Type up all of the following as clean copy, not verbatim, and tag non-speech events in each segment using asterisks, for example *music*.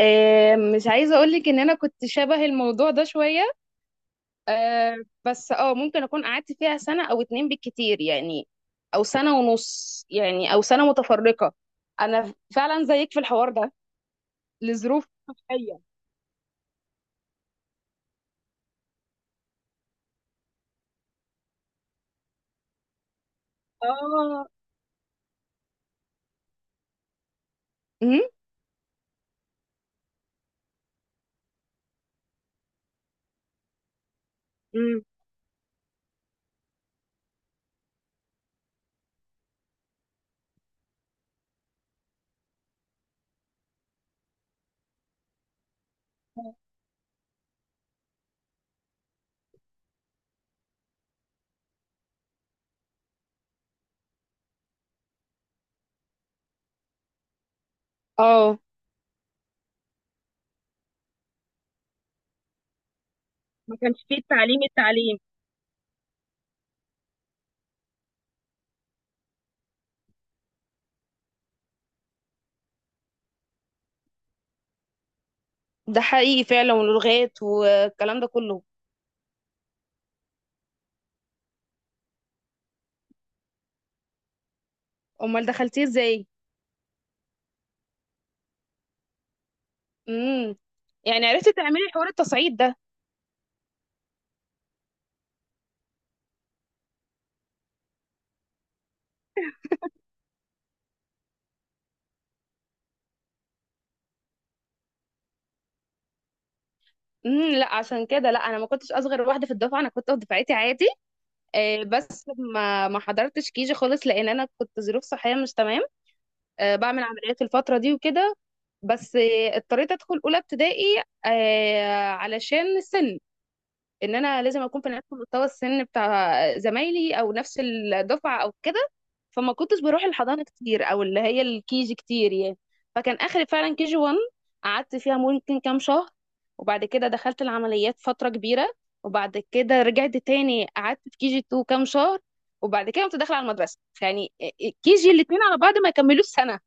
مش عايزة أقولك إن أنا كنت شبه الموضوع ده شوية. آه، بس ممكن أكون قعدت فيها سنة أو اتنين بالكتير يعني، أو سنة ونص يعني، أو سنة متفرقة. أنا فعلا زيك في الحوار ده لظروف صحية. اه. أمم. أمم. اه، ما كانش فيه التعليم ده حقيقي فعلا، ولغات والكلام ده كله. أمال دخلتيه إزاي؟ امم. يعني عرفتي تعملي حوار التصعيد ده. امم، لا عشان كده، لا انا ما كنتش اصغر واحده في الدفعه، انا كنت في دفعتي عادي. بس ما حضرتش كيجي خالص لان انا كنت ظروف صحيه مش تمام. بعمل عمليات الفتره دي وكده. بس اضطريت ادخل اولى ابتدائي. علشان السن، ان انا لازم اكون في نفس مستوى السن بتاع زمايلي او نفس الدفعه او كده. فما كنتش بروح الحضانه كتير، او اللي هي الكيجي كتير يعني. فكان اخري فعلا كيجي 1، قعدت فيها ممكن كام شهر. وبعد كده دخلت العمليات فتره كبيره. وبعد كده رجعت تاني، قعدت في كيجي 2 كام شهر. وبعد كده كنت داخله على المدرسه يعني. كيجي الاثنين على بعض ما يكملوش سنه.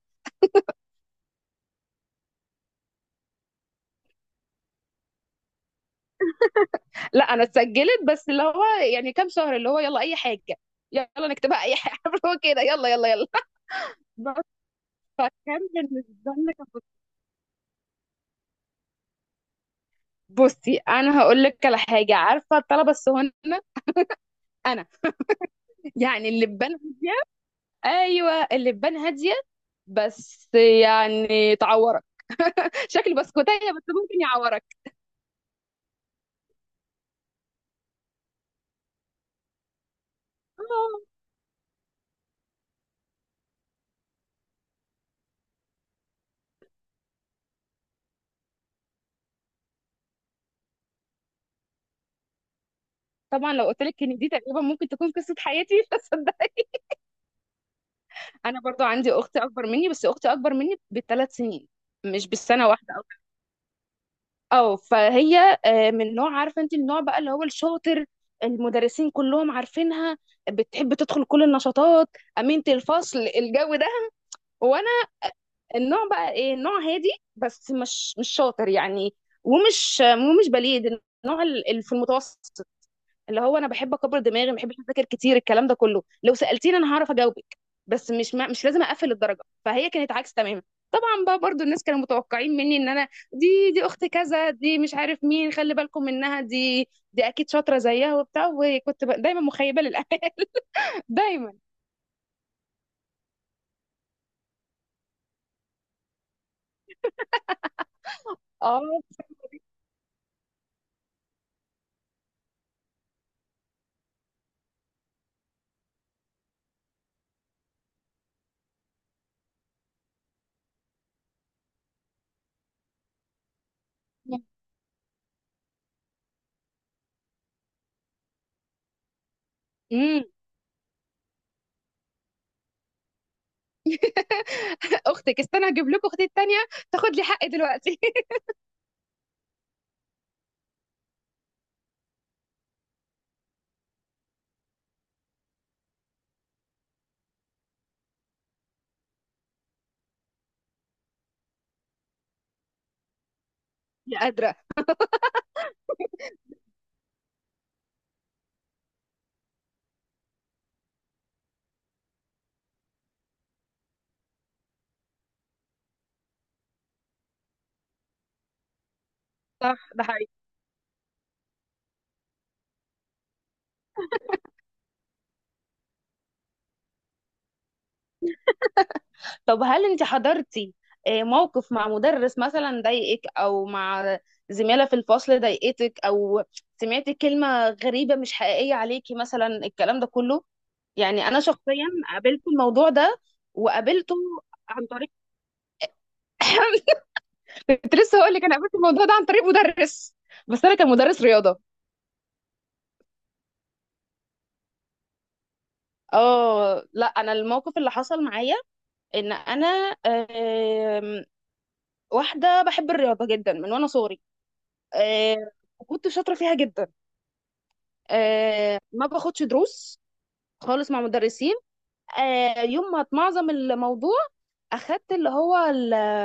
لا انا اتسجلت، بس اللي هو يعني كام شهر اللي هو يلا اي حاجه، يلا نكتبها اي حاجه *laughs* اللي هو كده يلا يلا يلا. فكان بالنسبه لنا بصي، انا هقول لك على حاجه. عارفه الطلبه الصهاينه؟ انا يعني اللبان هاديه، ايوه اللبان هاديه، بس يعني تعورك، شكل بسكوتيه بس ممكن يعورك. آه. طبعا لو قلت لك ان دي تقريبا ممكن تكون قصه حياتي *laughs* مش هصدقك. انا برضو عندي اختي اكبر مني، بس اختي اكبر مني بثلاث سنين، مش بالسنه واحده. اه فهي من نوع، عارفه انت النوع بقى اللي هو الشاطر، المدرسين كلهم عارفينها، بتحب تدخل كل النشاطات، امينه الفصل، الجو ده. وانا النوع بقى ايه، نوع هادي، بس مش شاطر يعني، ومش بليد، النوع اللي في المتوسط. اللي هو انا بحب اكبر دماغي، ما بحبش اذاكر كتير، الكلام ده كله، لو سالتيني انا هعرف اجاوبك، بس مش لازم اقفل الدرجه. فهي كانت عكس تماما. طبعا بقى برضو الناس كانوا متوقعين مني ان انا، دي اخت كذا، دي مش عارف مين، خلي بالكم منها دي اكيد شاطره زيها وبتاع، وكنت دايما مخيبه للامال *laughs* دايما. اه. امم *laughs* اختك، استنى اجيب لكم اختي التانيه تاخد لي حقي دلوقتي *laughs* مش قادره. صح، ده حقيقي. طب هل انت حضرتي موقف مع مدرس مثلا ضايقك، او مع زميلة في الفصل ضايقتك، او سمعتي كلمة غريبة مش حقيقية عليكي مثلا، الكلام ده كله؟ يعني انا شخصيا قابلت الموضوع ده، وقابلته عن طريق *laughs* *coughs* كنت لسه هقول لك، انا قابلت الموضوع ده عن طريق مدرس، بس انا كان مدرس رياضه. اه لا، انا الموقف اللي حصل معايا ان انا، آم، واحده بحب الرياضه جدا من وانا صغري، آه، وكنت شاطره فيها جدا. ما باخدش دروس خالص مع مدرسين. يوم ما اتمعظم الموضوع اخدت اللي هو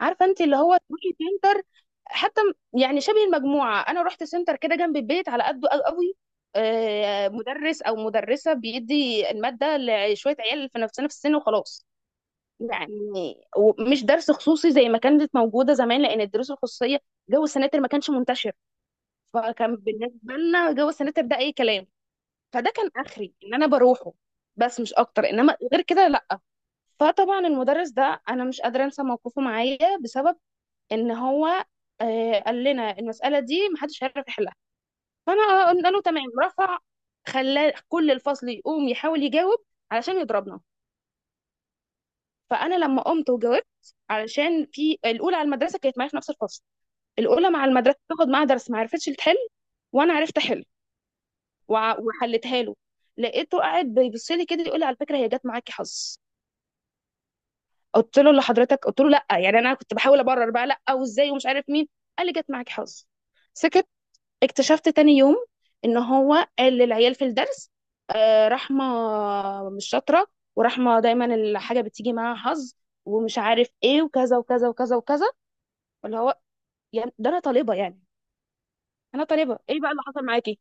عارفه انت، اللي هو تروحي سنتر حتى، يعني شبه المجموعه. انا رحت سنتر كده جنب البيت على قده، قوي قوي. مدرس او مدرسه بيدي الماده لشويه عيال في نفس السن وخلاص يعني، ومش درس خصوصي زي ما كانت موجوده زمان، لان الدروس الخصوصيه، جو السناتر، ما كانش منتشر. فكان بالنسبه لنا جو السناتر ده اي كلام. فده كان اخري ان انا بروحه، بس مش اكتر، انما غير كده لا. فطبعا المدرس ده انا مش قادره انسى موقفه معايا، بسبب ان هو قال لنا المساله دي محدش هيعرف يحلها. فانا قلنا له تمام، رفع، خلى كل الفصل يقوم يحاول يجاوب علشان يضربنا. فانا لما قمت وجاوبت، علشان في الاولى على المدرسه كانت معايا في نفس الفصل، الاولى مع المدرسه تاخد معاها درس ما عرفتش تحل، وانا عرفت احل وحلتها له. لقيته قاعد بيبص لي كده، يقول لي على فكره، هي جت معاكي حظ. قلت له لحضرتك، قلت له لا يعني، انا كنت بحاول ابرر بقى، لا وازاي ومش عارف مين. قال لي جت معاكي حظ. سكت. اكتشفت تاني يوم ان هو قال للعيال في الدرس رحمه مش شاطره، ورحمه دايما الحاجه بتيجي معاها حظ، ومش عارف ايه، وكذا وكذا وكذا وكذا. اللي هو يعني، ده انا طالبه يعني، انا طالبه. ايه بقى اللي حصل معاكي؟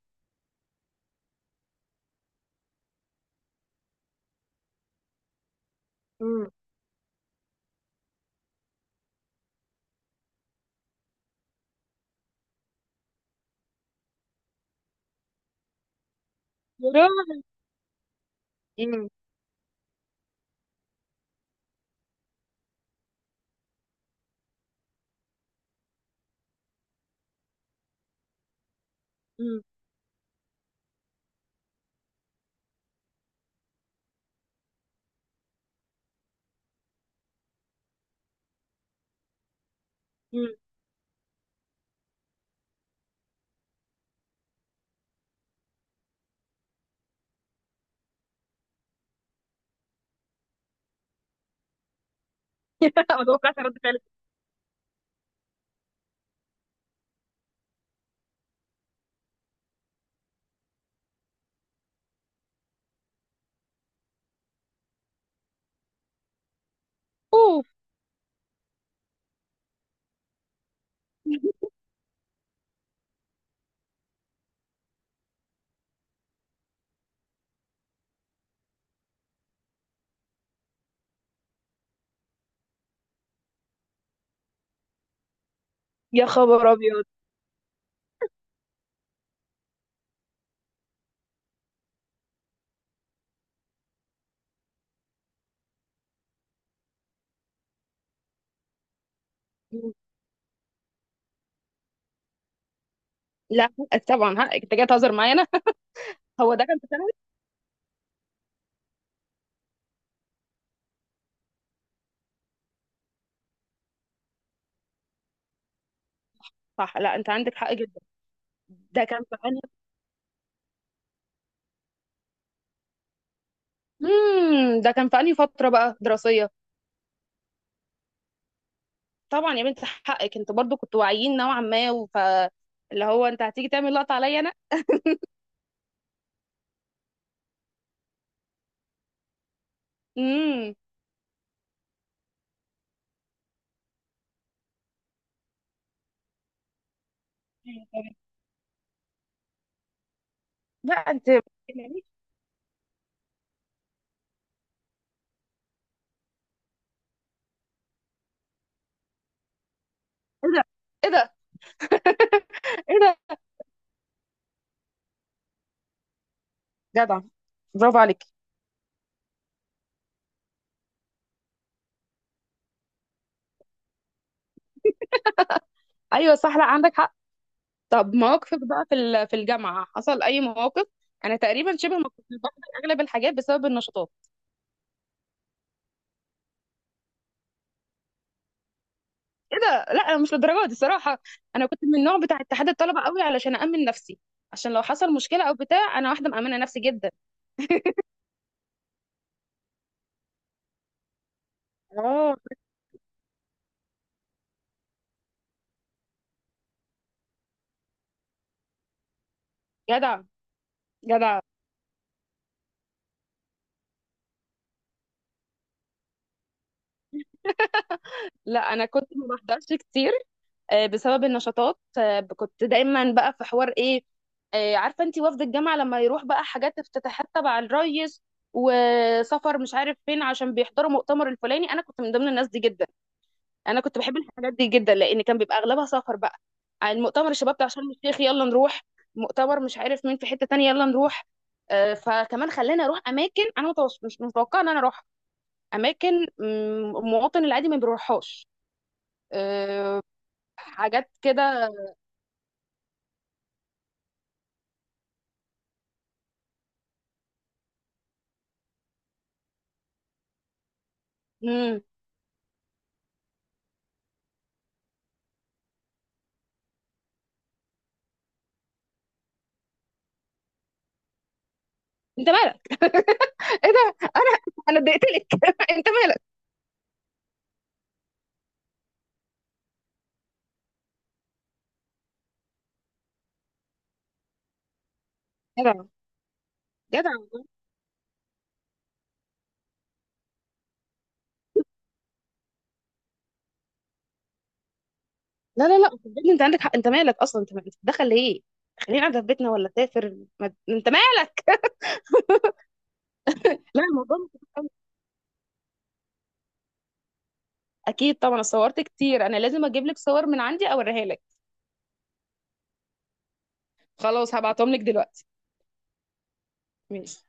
امم. يا روحي. امم. امم. *laughs* امم. ما توقعتش رد فعل. اوف. يا خبر ابيض. لا حقك طبعا، حقك، انت جاي تهزر معانا *laughs* هو ده كان في سنة؟ صح، لا انت عندك حق جدا. ده كان في انهي، امم، ده كان في انهي فترة بقى دراسية؟ طبعا يا بنت حقك، انت برضو كنتوا واعيين نوعا ما، وف اللي هو انت هتيجي تعمل لقطة عليا انا. امم. لا انت. ايه ده. ايه ده. ايه ده. جدع، برافو عليك. ايوه صح، لا عندك حق. طب مواقفك بقى في الجامعة حصل اي مواقف؟ انا تقريبا شبه ما كنت بفقد اغلب الحاجات بسبب النشاطات. ايه ده. لا انا مش للدرجه دي صراحه. انا كنت من النوع بتاع اتحاد الطلبه قوي علشان امن نفسي، عشان لو حصل مشكله او بتاع انا واحده مامنه نفسي جدا. اه. جدع. جدع. لا انا كنت ما بحضرش كتير بسبب النشاطات. كنت دايما بقى في حوار، ايه، عارفه انت وفد الجامعه لما يروح بقى حاجات، افتتاحات تبع الريس، وسفر مش عارف فين عشان بيحضروا مؤتمر الفلاني، انا كنت من ضمن الناس دي جدا. انا كنت بحب الحاجات دي جدا، لان كان بيبقى اغلبها سفر بقى. يعني المؤتمر، الشباب بتاع شرم الشيخ، يلا نروح. مؤتمر مش عارف مين في حتة تانية، يلا نروح. فكمان خلاني اروح اماكن انا مش متوقعه ان انا اروح اماكن، المواطن العادي ما بيروحهاش. آه، حاجات كده. مم. انت مالك. ايه ده. انا انا اتضايقت لك *laughs* انت مالك. جدع. جدع. لا لا لا صدقني انت عندك حق، انت مالك اصلا، انت مالك دخل ليه؟ خلينا قاعده في بيتنا ولا سافر، ما... انت مالك *laughs* لا الموضوع مش، اكيد طبعا صورت كتير، انا لازم اجيب لك صور من عندي اوريها لك. خلاص هبعتهم لك دلوقتي. ماشي.